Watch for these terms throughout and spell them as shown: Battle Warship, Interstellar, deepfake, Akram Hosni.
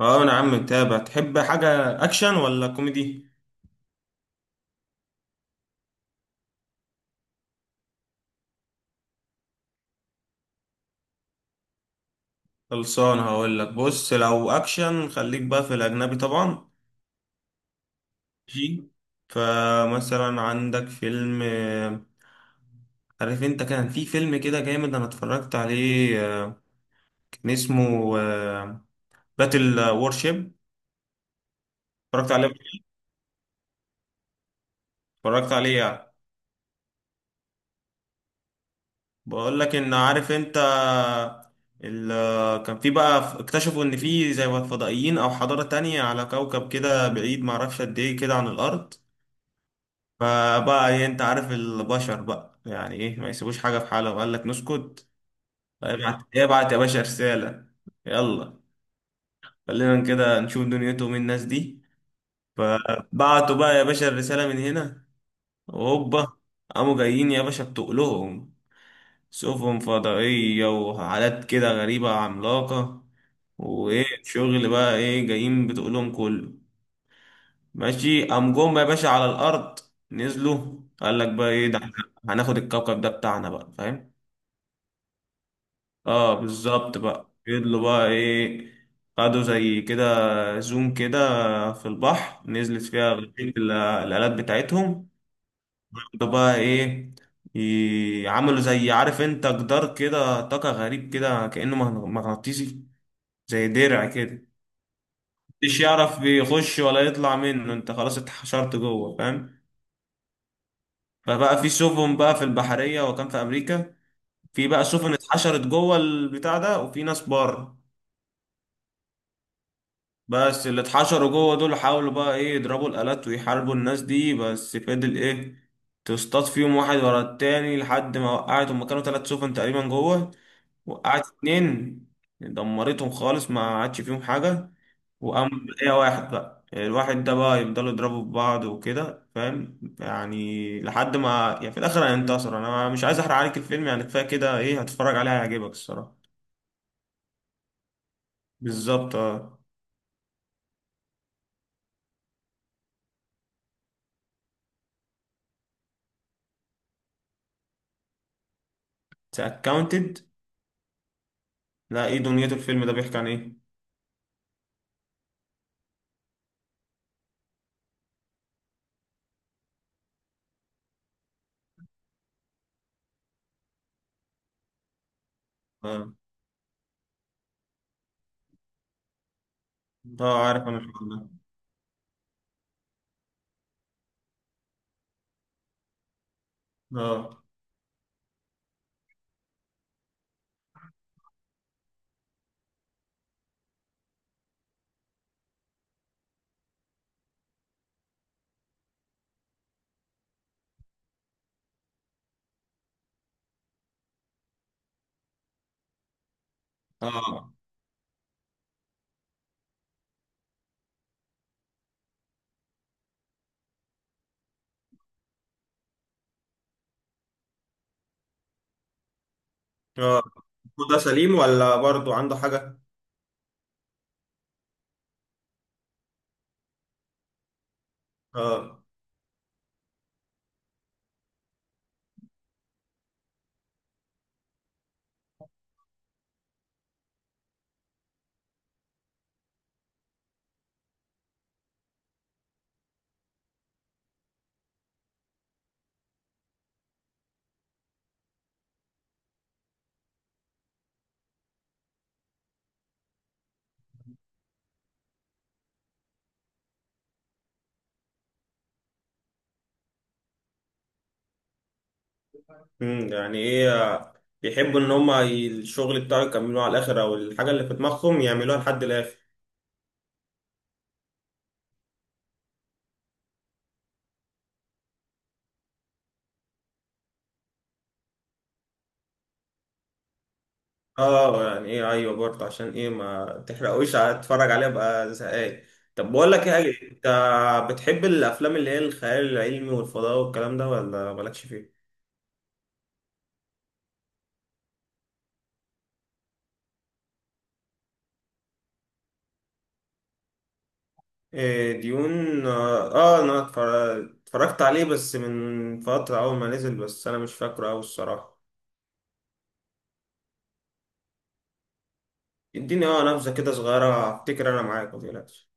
اه، انا عم متابع. تحب حاجة اكشن ولا كوميدي؟ خلصان هقول لك. بص، لو اكشن خليك بقى في الاجنبي طبعا. جي. فمثلا عندك فيلم، عارف انت كان في فيلم كده جامد، انا اتفرجت عليه. كان اسمه باتل وورشيب. اتفرجت عليه اتفرجت عليه يعني. بقول لك، ان عارف انت، كان في بقى اكتشفوا ان في زي ما فضائيين او حضارة تانية على كوكب كده بعيد، معرفش قد ايه كده عن الارض. فبقى ايه، انت عارف البشر بقى يعني ايه، ما يسيبوش حاجة في حالها، وقال لك نسكت. فابعت ابعت يا باشا رسالة، يلا خلينا كده نشوف دنيتهم إيه الناس دي. فبعتوا بقى يا باشا الرسالة من هنا، وهوبا قاموا جايين يا باشا، بتقلهم سفن فضائية وحالات كده غريبة عملاقة. وإيه الشغل بقى، إيه جايين بتقولهم كله، ماشي. قام جم يا باشا على الأرض، نزلوا قال لك بقى إيه ده، إحنا هناخد الكوكب ده بتاعنا بقى فاهم. اه بالظبط. بقى فضلوا بقى ايه، قعدوا زي كده، زوم كده، في البحر نزلت فيها غرفة الآلات بتاعتهم. قعدوا بقى ايه، عملوا زي عارف انت جدار كده طاقة غريب كده كأنه مغناطيسي، زي درع كده. مش يعرف يخش ولا يطلع منه، انت خلاص اتحشرت جوه فاهم. فبقى في سفن بقى في البحرية، وكان في أمريكا. في بقى سفن اتحشرت جوه البتاع ده، وفي ناس بره. بس اللي اتحشروا جوه دول حاولوا بقى ايه يضربوا الآلات ويحاربوا الناس دي، بس فضل ايه تصطاد فيهم واحد ورا التاني لحد ما وقعت. هما كانوا تلات سفن تقريبا جوه، وقعت اتنين، دمرتهم خالص ما عادش فيهم حاجة. وقام ايه واحد بقى، الواحد ده بقى يفضلوا يضربوا في بعض وكده فاهم يعني، لحد ما يعني في الآخر هينتصر. أنا مش عايز أحرق عليك الفيلم يعني، كفاية كده. ايه هتتفرج عليه هيعجبك الصراحة. بالظبط اه. اتس اكاونتد. لا ايه دنيته، الفيلم ده بيحكي عن ايه؟ اه. اه، عارف انا الحوار ده. اه اه اه. ده سليم ولا برضو عنده حاجة؟ اه. يعني ايه، بيحبوا ان هما الشغل بتاعه يكملوه على الاخر، او الحاجة اللي في دماغهم يعملوها لحد الاخر. اه يعني ايه، ايوه برضو، عشان ايه ما تحرقوش، اتفرج عليها بقى زهقان. طب بقول لك ايه، انت بتحب الافلام اللي هي الخيال العلمي والفضاء والكلام ده، ولا مالكش فيه؟ إيه، ديون، اه. انا اتفرجت عليه بس من فترة اول ما نزل، بس انا مش فاكره اوي الصراحة. اديني اه نبذة كده صغيرة، افتكر انا معاك ما تقلقش.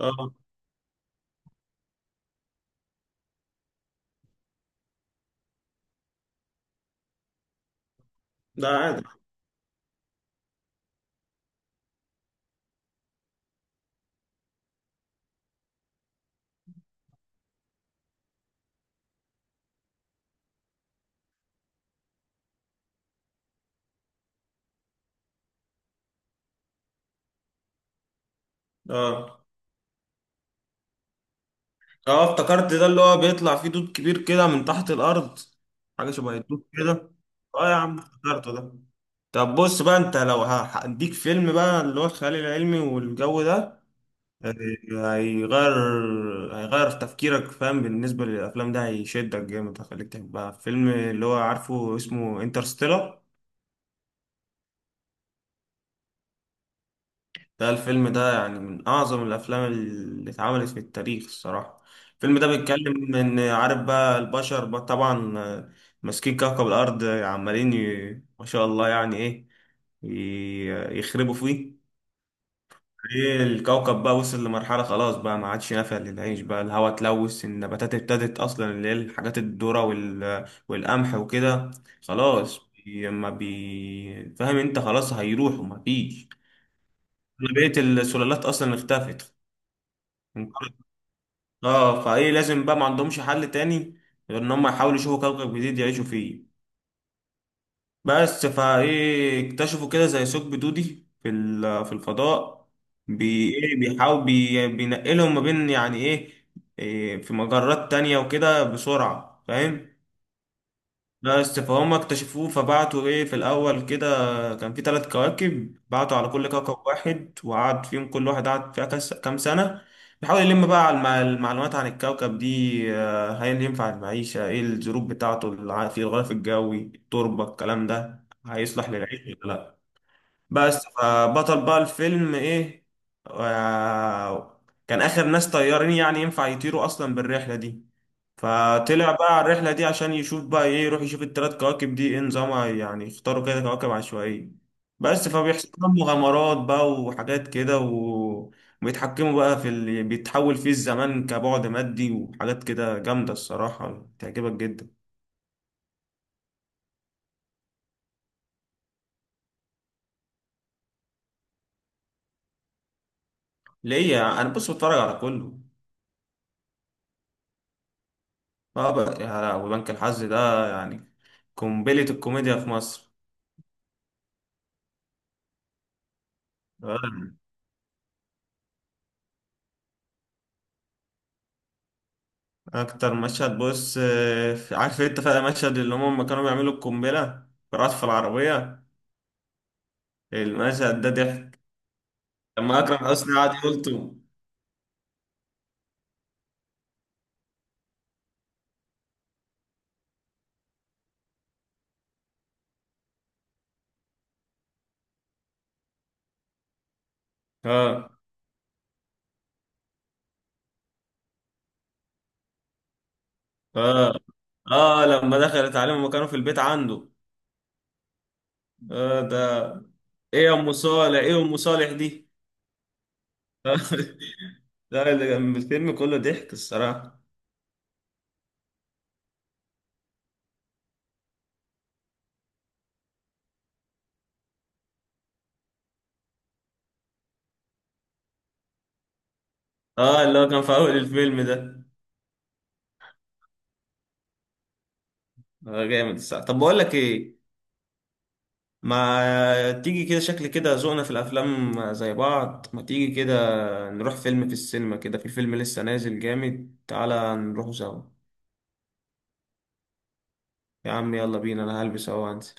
اه ده عادي. اه اه افتكرت، ده اللي هو بيطلع فيه دود كبير كده من تحت الارض، حاجة شبه الدود كده. اه يا عم افتكرته ده. طب بص بقى، انت لو هديك فيلم بقى اللي هو الخيال العلمي والجو ده، هيغير هيغير في تفكيرك فاهم، بالنسبة للأفلام ده هيشدك جامد هيخليك تحبها. فيلم اللي هو عارفه اسمه انترستيلر، ده الفيلم ده يعني من أعظم الأفلام اللي اتعملت في التاريخ الصراحة. الفيلم ده بيتكلم إن عارف بقى البشر بقى طبعا ماسكين كوكب الأرض عمالين ما شاء الله يعني إيه يخربوا فيه. ايه الكوكب بقى وصل لمرحلة خلاص بقى ما عادش نافع للعيش بقى، الهواء اتلوث، النباتات ابتدت اصلا، اللي هي الحاجات الذرة والقمح وكده خلاص، ما بي فاهم انت خلاص هيروحوا ما فيش. بقية السلالات اصلا اختفت انقرضت. اه فايه لازم بقى ما عندهمش حل تاني غير ان هم يحاولوا يشوفوا كوكب جديد يعيشوا فيه. بس فايه اكتشفوا كده زي ثقب دودي في الفضاء، ايه بيحاول بينقلهم ما بين يعني ايه، إيه في مجرات تانية وكده بسرعة فاهم. لا بس فهم اكتشفوه، فبعتوا ايه في الاول كده، كان في ثلاث كواكب، بعتوا على كل كوكب واحد وقعد فيهم، كل واحد قعد فيها كام سنة، بيحاول يلم بقى على المعلومات عن الكوكب دي. هل ينفع المعيشة، ايه الظروف بتاعته في الغلاف الجوي، التربة، الكلام ده هيصلح للعيش ولا. بس فبطل بقى الفيلم ايه، آه، كان اخر ناس طيارين يعني ينفع يطيروا اصلا بالرحله دي، فطلع بقى على الرحله دي عشان يشوف بقى ايه، يروح يشوف الثلاث كواكب دي ايه نظامها يعني، يختاروا كده كواكب عشوائيه. بس فبيحصل لهم مغامرات بقى وحاجات كده وبيتحكموا بقى في اللي بيتحول فيه الزمان كبعد مادي وحاجات كده جامده، الصراحه تعجبك جدا. ليه، انا بص بتفرج على كله. اه بقى يا لهوي، بنك الحظ ده يعني قنبلة الكوميديا في مصر. آه، أكتر مشهد بص، عارف أنت فاكر المشهد اللي هم لما كانوا بيعملوا القنبلة، رأس في العربية، المشهد ده ضحك، لما أكرم حسني قعد يقول تو. اه اه اه لما دخلت عليهم لما كانوا في البيت عنده. اه ده. إيه يا أم صالح، إيه أم صالح دي. لا، اللي كان الفيلم كله ضحك الصراحة. اه اللي هو كان في أول الفيلم ده. اه جامد الصراحة. طب بقول لك إيه، ما تيجي كده شكل كده ذوقنا في الافلام زي بعض، ما تيجي كده نروح فيلم في السينما، كده في فيلم لسه نازل جامد تعالى نروح سوا. يا عم يلا بينا، انا هلبس اهو وانزل.